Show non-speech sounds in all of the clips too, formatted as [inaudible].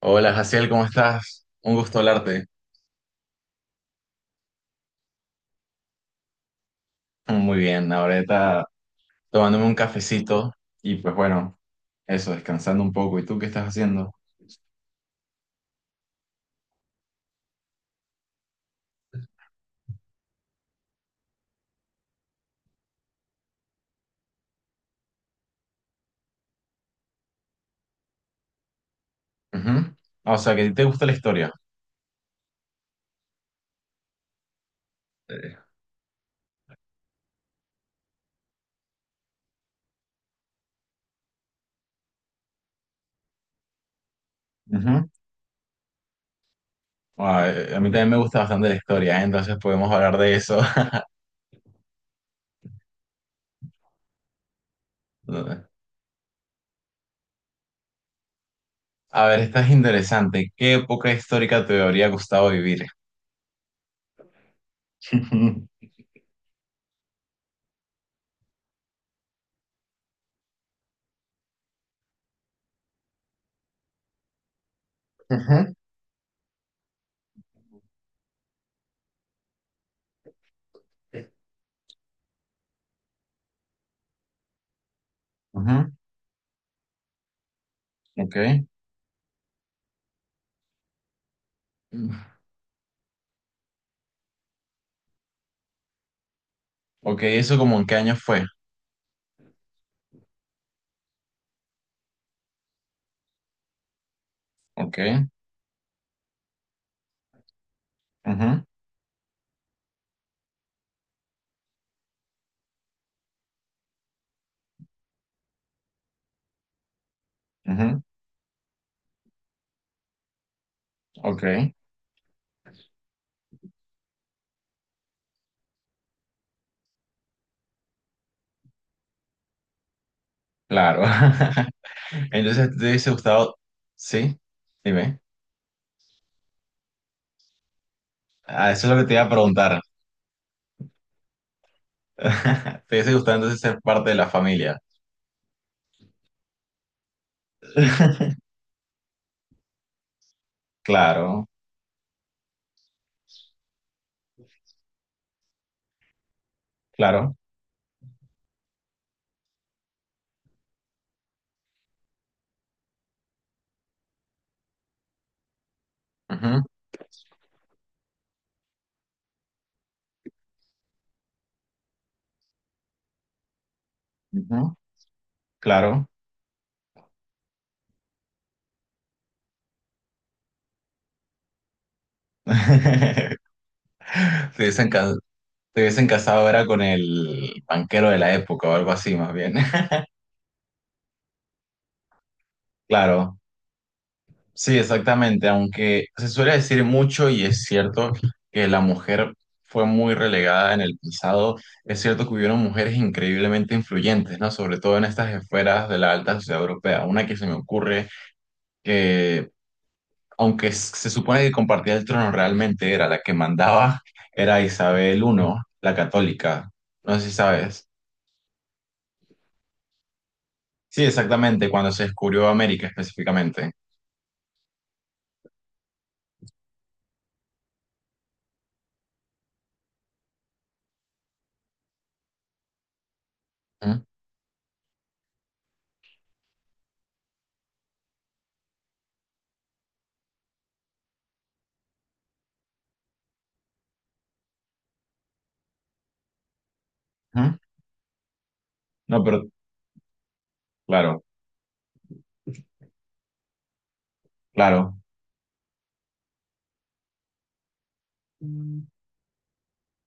Hola, Jaciel, ¿cómo estás? Un gusto hablarte. Muy bien, ahorita tomándome un cafecito y pues bueno, eso, descansando un poco. ¿Y tú qué estás haciendo? Ujú. Ah, o sea, que te gusta la historia. Eh, ujú. Ah, a mí también me gusta bastante la historia, ¿eh? Entonces podemos hablar de eso. [laughs] A ver, esta es interesante. ¿Qué época histórica te habría gustado vivir? [laughs] Ujú. Ujú. Ok. Mm. Ok, ¿eso como en qué año fue? Ok. Ujú. Ujú. Ok. Claro. [laughs] Entonces, ¿te hubiese gustado? Sí, dime. Ah, eso es lo que te iba a preguntar. [laughs] ¿Te hubiese gustado entonces ser parte de la familia? [laughs] Claro, claro. Ujú, ujú, claro. [laughs] Te hubiesen, ca- te hubiesen casado era con el banquero de la época o algo así, más bien. [laughs] Claro. Sí, exactamente, aunque se suele decir mucho y es cierto que la mujer fue muy relegada en el pasado, es cierto que hubieron mujeres increíblemente influyentes, ¿no? Sobre todo en estas esferas de la alta sociedad europea. Una que se me ocurre que, aunque se supone que compartía el trono, realmente era la que mandaba, era Isabel I, la católica. No sé si sabes. Sí, exactamente, cuando se descubrió América específicamente. ¿Mm? ¿Mm? No, pero claro, claro.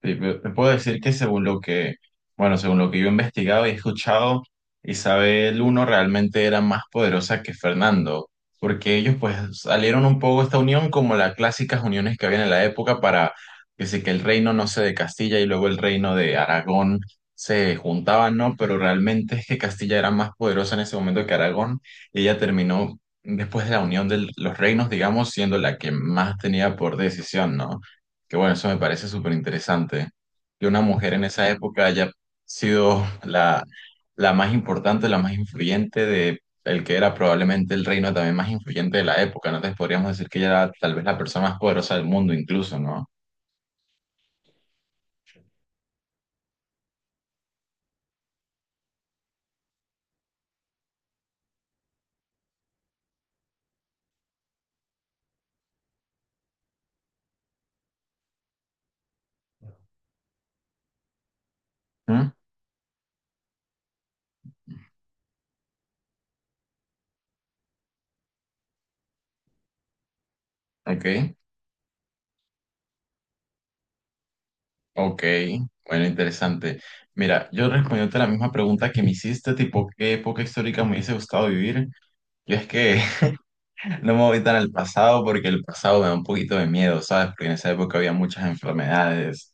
Sí, te puedo decir que según lo que, bueno, según lo que yo he investigado y he escuchado, Isabel I realmente era más poderosa que Fernando, porque ellos pues salieron un poco de esta unión como las clásicas uniones que había en la época para que sí, que el reino, no sé, de Castilla y luego el reino de Aragón se juntaban, ¿no? Pero realmente es que Castilla era más poderosa en ese momento que Aragón y ella terminó después de la unión de los reinos, digamos, siendo la que más tenía por decisión, ¿no? Que bueno, eso me parece súper interesante, que una mujer en esa época haya sido la más importante, la más influyente de el que era probablemente el reino también más influyente de la época, ¿no? Entonces podríamos decir que ella era tal vez la persona más poderosa del mundo incluso, ¿no? ¿Mm? Ok, ok, bueno, interesante. Mira, yo respondiéndote la misma pregunta que me hiciste, tipo, ¿qué época histórica me hubiese gustado vivir? Yo es que [laughs] no me voy tan al pasado porque el pasado me da un poquito de miedo, ¿sabes? Porque en esa época había muchas enfermedades,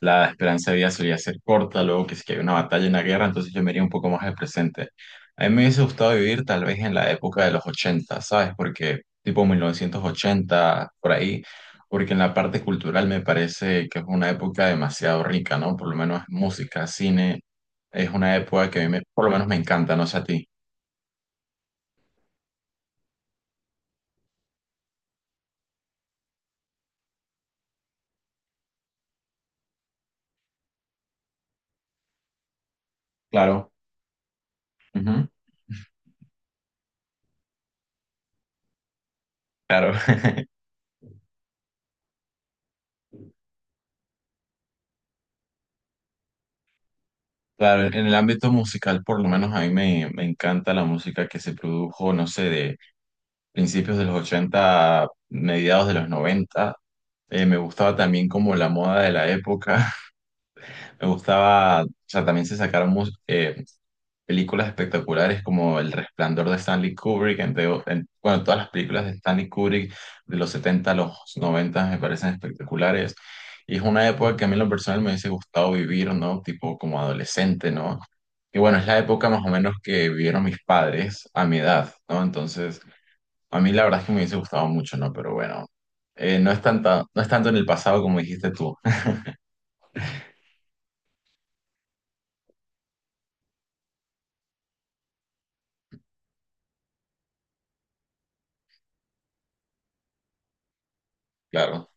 la esperanza de vida solía ser corta, luego que si que hay una batalla, una guerra, entonces yo me iría un poco más al presente. A mí me hubiese gustado vivir tal vez en la época de los ochenta, ¿sabes? Porque tipo 1980 por ahí, porque en la parte cultural me parece que es una época demasiado rica, ¿no? Por lo menos música, cine, es una época que a mí por lo menos me encanta, no sé a ti. Claro. Ujú. Claro, [laughs] claro, en el ámbito musical por lo menos a mí me encanta la música que se produjo, no sé, de principios de los ochenta, mediados de los noventa. Me gustaba también como la moda de la época. [laughs] Me gustaba, o sea, también se sacaron películas espectaculares como El Resplandor de Stanley Kubrick, entre, bueno, todas las películas de Stanley Kubrick de los 70 a los 90 me parecen espectaculares. Y es una época que a mí en lo personal me hubiese gustado vivir, ¿no? Tipo como adolescente, ¿no? Y bueno, es la época más o menos que vivieron mis padres a mi edad, ¿no? Entonces... A mí la verdad es que me hubiese gustado mucho, ¿no? Pero bueno, no es tanta, no es tanto en el pasado como dijiste tú. [laughs] Claro,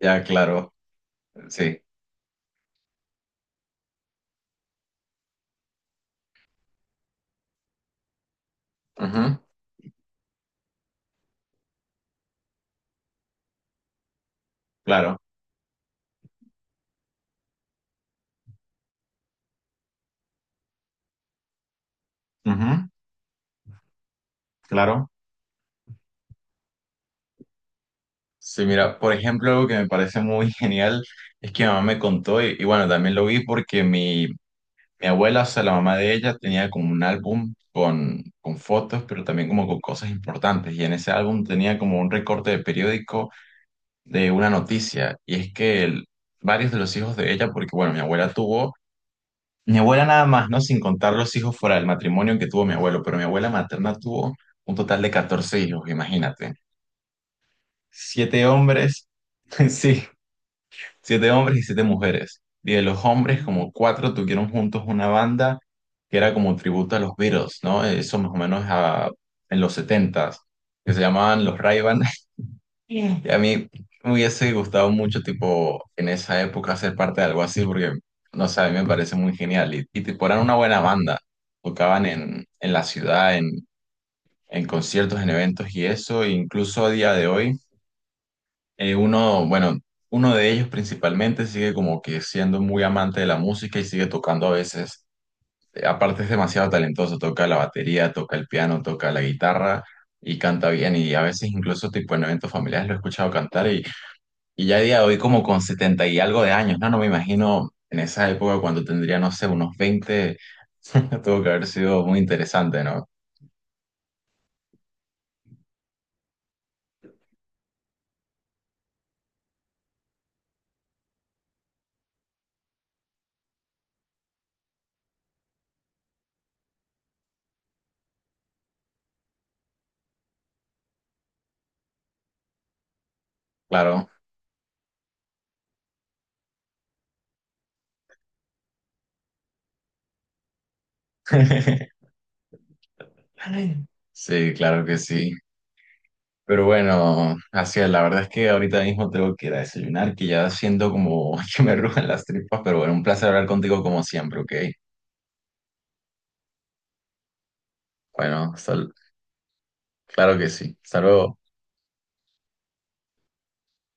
ya, claro, sí. Ujú, claro, ujú, claro. Sí, mira, por ejemplo, algo que me parece muy [laughs] genial es que mi mamá me contó, y bueno, también lo vi porque mi abuela, o sea, la mamá de ella, tenía como un álbum con fotos, pero también como con cosas importantes. Y en ese álbum tenía como un recorte de periódico de una noticia. Y es que varios de los hijos de ella, porque bueno, mi abuela nada más, ¿no? Sin contar los hijos fuera del matrimonio que tuvo mi abuelo, pero mi abuela materna tuvo un total de 14 hijos, imagínate. Siete hombres, [laughs] sí, siete hombres y siete mujeres. Y de los hombres, como cuatro tuvieron juntos una banda que era como tributo a los Beatles, ¿no? Eso más o menos en los setentas, que se llamaban los ray, y a mí me hubiese gustado mucho, tipo, en esa época ser parte de algo así, porque, no sé, a mí me parece muy genial. Y, tipo, eran una buena banda. Tocaban en la ciudad, en conciertos, en eventos y eso. E incluso a día de hoy, bueno, uno de ellos principalmente sigue como que siendo muy amante de la música y sigue tocando a veces. Aparte es demasiado talentoso, toca la batería, toca el piano, toca la guitarra y canta bien. Y a veces incluso, tipo, en eventos familiares lo he escuchado cantar y ya a día de hoy como con 70 y algo de años, ¿no? No me imagino en esa época cuando tendría, no sé, unos 20. [laughs] Tuvo que haber sido muy interesante, ¿no? Claro. [laughs] Sí, claro que sí. Pero bueno, así es, la verdad es que ahorita mismo tengo que ir a desayunar, que ya siento como [laughs] que me rugen las tripas, pero bueno, un placer hablar contigo como siempre, ¿ok? Bueno, claro que sí. Hasta luego.